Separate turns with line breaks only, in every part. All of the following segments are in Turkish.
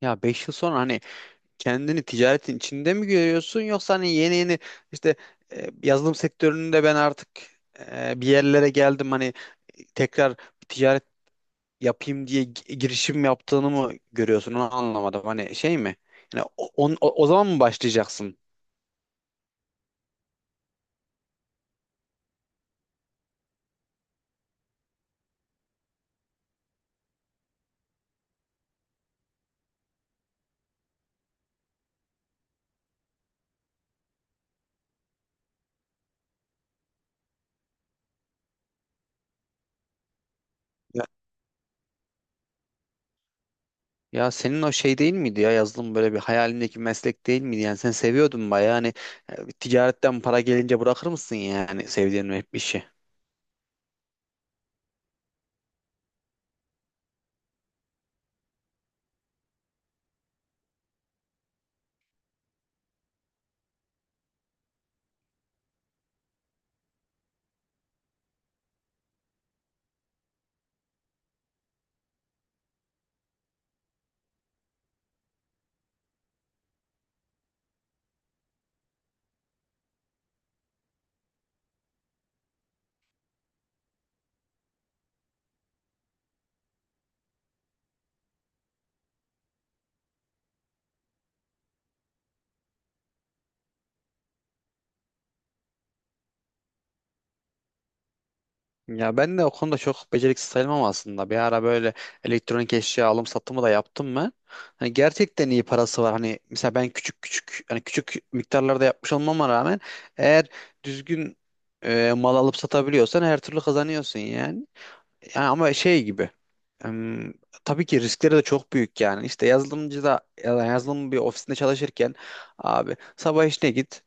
Ya 5 yıl sonra hani kendini ticaretin içinde mi görüyorsun yoksa hani yeni yeni işte yazılım sektöründe ben artık bir yerlere geldim hani tekrar bir ticaret yapayım diye girişim yaptığını mı görüyorsun onu anlamadım. Hani şey mi? Yani o zaman mı başlayacaksın? Ya, ya senin o şey değil miydi ya yazılım böyle bir hayalindeki meslek değil miydi? Yani sen seviyordun bayağı hani ticaretten para gelince bırakır mısın yani sevdiğin bir işi? Ya ben de o konuda çok beceriksiz sayılmam aslında. Bir ara böyle elektronik eşya alım satımı da yaptım ben. Hani gerçekten iyi parası var. Hani mesela ben küçük küçük hani küçük miktarlarda yapmış olmama rağmen eğer düzgün mal alıp satabiliyorsan her türlü kazanıyorsun yani. Yani ama şey gibi. em, tabii ki riskleri de çok büyük yani. İşte yazılımcıda ya da yazılım bir ofisinde çalışırken abi sabah işine git.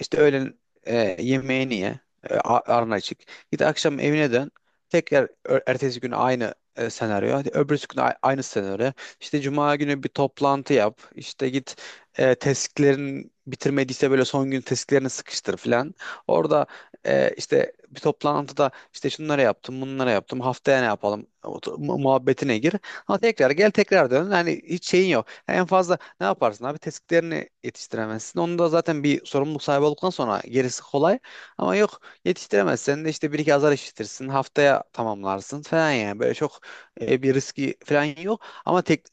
İşte öğlen yemeğini ye. Arna çık. Git akşam evine dön. Tekrar ertesi gün aynı senaryo. Hadi öbürsü gün aynı senaryo. İşte cuma günü bir toplantı yap. İşte git tesklerin bitirmediyse böyle son gün tesklerini sıkıştır falan. Orada işte bir toplantıda işte şunları yaptım, bunları yaptım, haftaya ne yapalım o muhabbetine gir. Ama tekrar gel tekrar dön. Yani hiç şeyin yok. En fazla ne yaparsın abi? Tespitlerini yetiştiremezsin. Onu da zaten bir sorumluluk sahibi olduktan sonra gerisi kolay. Ama yok yetiştiremezsen de işte bir iki azar işitirsin. Haftaya tamamlarsın falan yani. Böyle çok bir riski falan yok. Ama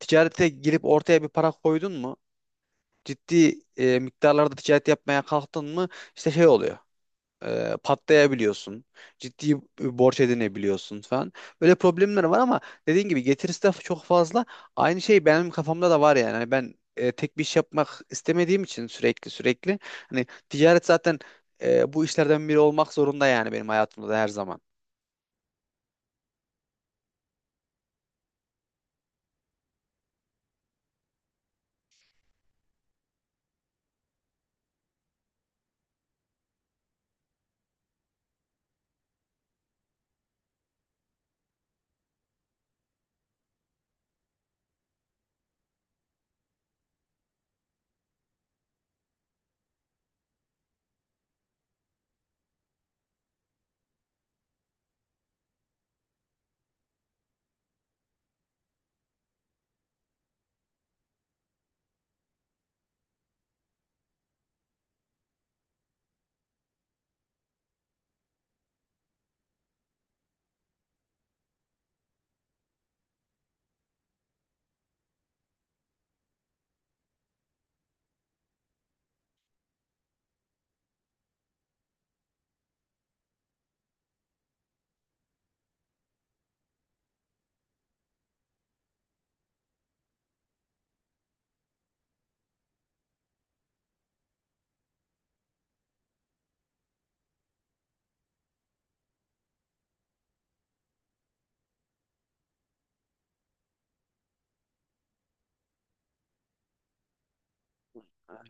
ticarete girip ortaya bir para koydun mu? Ciddi miktarlarda ticaret yapmaya kalktın mı? İşte şey oluyor, patlayabiliyorsun. Ciddi bir borç edinebiliyorsun falan. Böyle problemler var ama dediğin gibi getirisi de çok fazla. Aynı şey benim kafamda da var yani. Hani ben tek bir iş yapmak istemediğim için sürekli sürekli. Hani ticaret zaten bu işlerden biri olmak zorunda yani benim hayatımda da her zaman.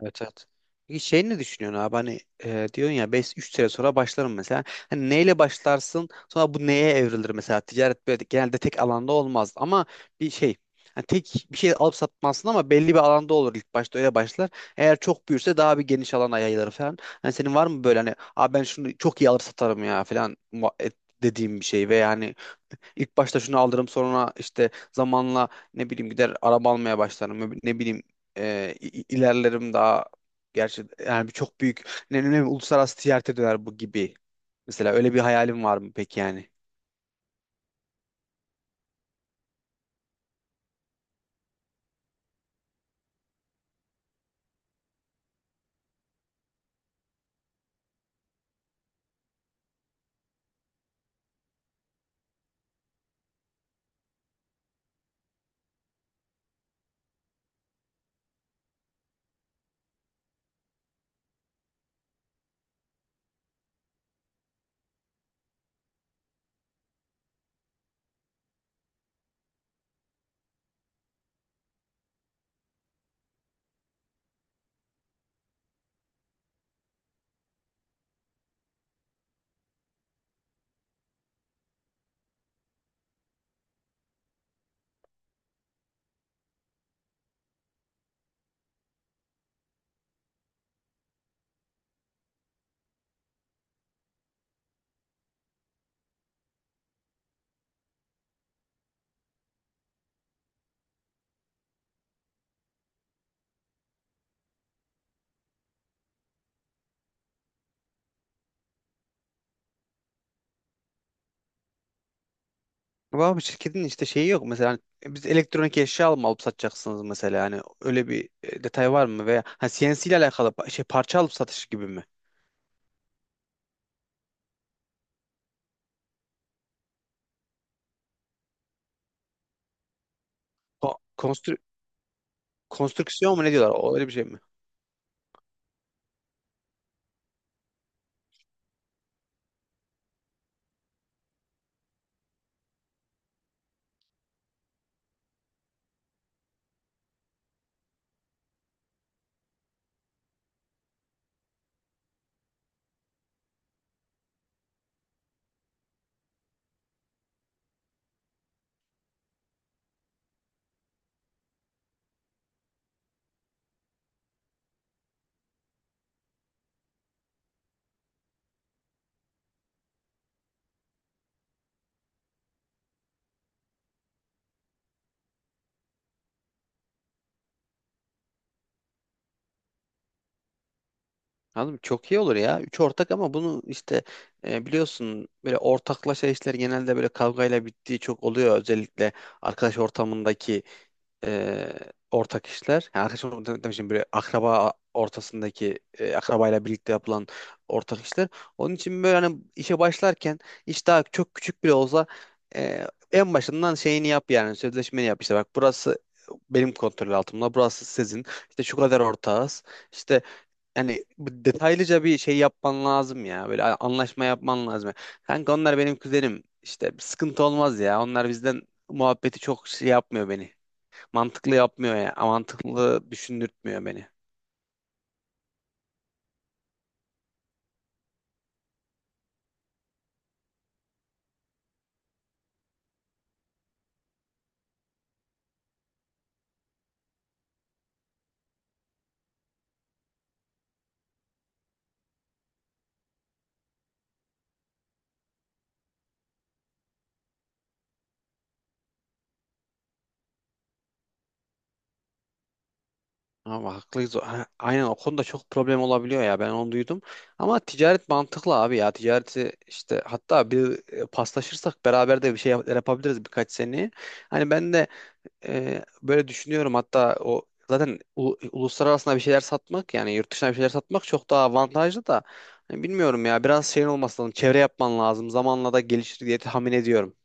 Evet, evet. Peki şey ne düşünüyorsun abi hani diyorsun ya 3 sene sonra başlarım mesela. Hani neyle başlarsın sonra bu neye evrilir mesela? Ticaret böyle genelde tek alanda olmaz ama bir şey, hani tek bir şey alıp satmazsın ama belli bir alanda olur, ilk başta öyle başlar. Eğer çok büyürse daha bir geniş alana yayılır falan. Hani senin var mı böyle hani abi ben şunu çok iyi alıp satarım ya falan dediğim bir şey ve yani İlk başta şunu alırım sonra işte zamanla ne bileyim gider araba almaya başlarım, ne bileyim, ilerlerim daha. Gerçi yani bir çok büyük uluslararası ticarete döner bu gibi. Mesela öyle bir hayalim var mı peki yani? Ama abi şirketin işte şeyi yok mesela, hani biz elektronik eşya alıp satacaksınız mesela yani öyle bir detay var mı, veya CNC ile alakalı parça alıp satışı gibi mi? Ko konstrü konstrüksiyon mu ne diyorlar, o öyle bir şey mi? Anladım. Çok iyi olur ya. Üç ortak ama bunu işte biliyorsun böyle ortaklaşa işler genelde böyle kavgayla bittiği çok oluyor. Özellikle arkadaş ortamındaki e, ortak işler. Yani arkadaş ortamında demişim, böyle akraba ortasındaki akrabayla birlikte yapılan ortak işler. Onun için böyle hani işe başlarken iş daha çok küçük bile olsa, e, en başından şeyini yap yani sözleşmeni yap, işte bak burası benim kontrol altımda, burası sizin, işte şu kadar ortağız. İşte yani bu detaylıca bir şey yapman lazım ya. Böyle anlaşma yapman lazım. Kanka onlar benim kuzenim. İşte bir sıkıntı olmaz ya. Onlar bizden muhabbeti çok şey yapmıyor beni. Mantıklı yapmıyor ya. Mantıklı düşündürtmüyor beni. Ama haklıyız. Ha, Aynen, o konuda çok problem olabiliyor ya. Ben onu duydum. Ama ticaret mantıklı abi ya. Ticareti işte hatta bir paslaşırsak beraber de bir şey yapabiliriz birkaç seneye. Hani ben de böyle düşünüyorum, hatta o zaten uluslararasına bir şeyler satmak yani yurt dışına bir şeyler satmak çok daha avantajlı da. Hani bilmiyorum ya, biraz şeyin olması lazım, çevre yapman lazım, zamanla da gelişir diye tahmin ediyorum.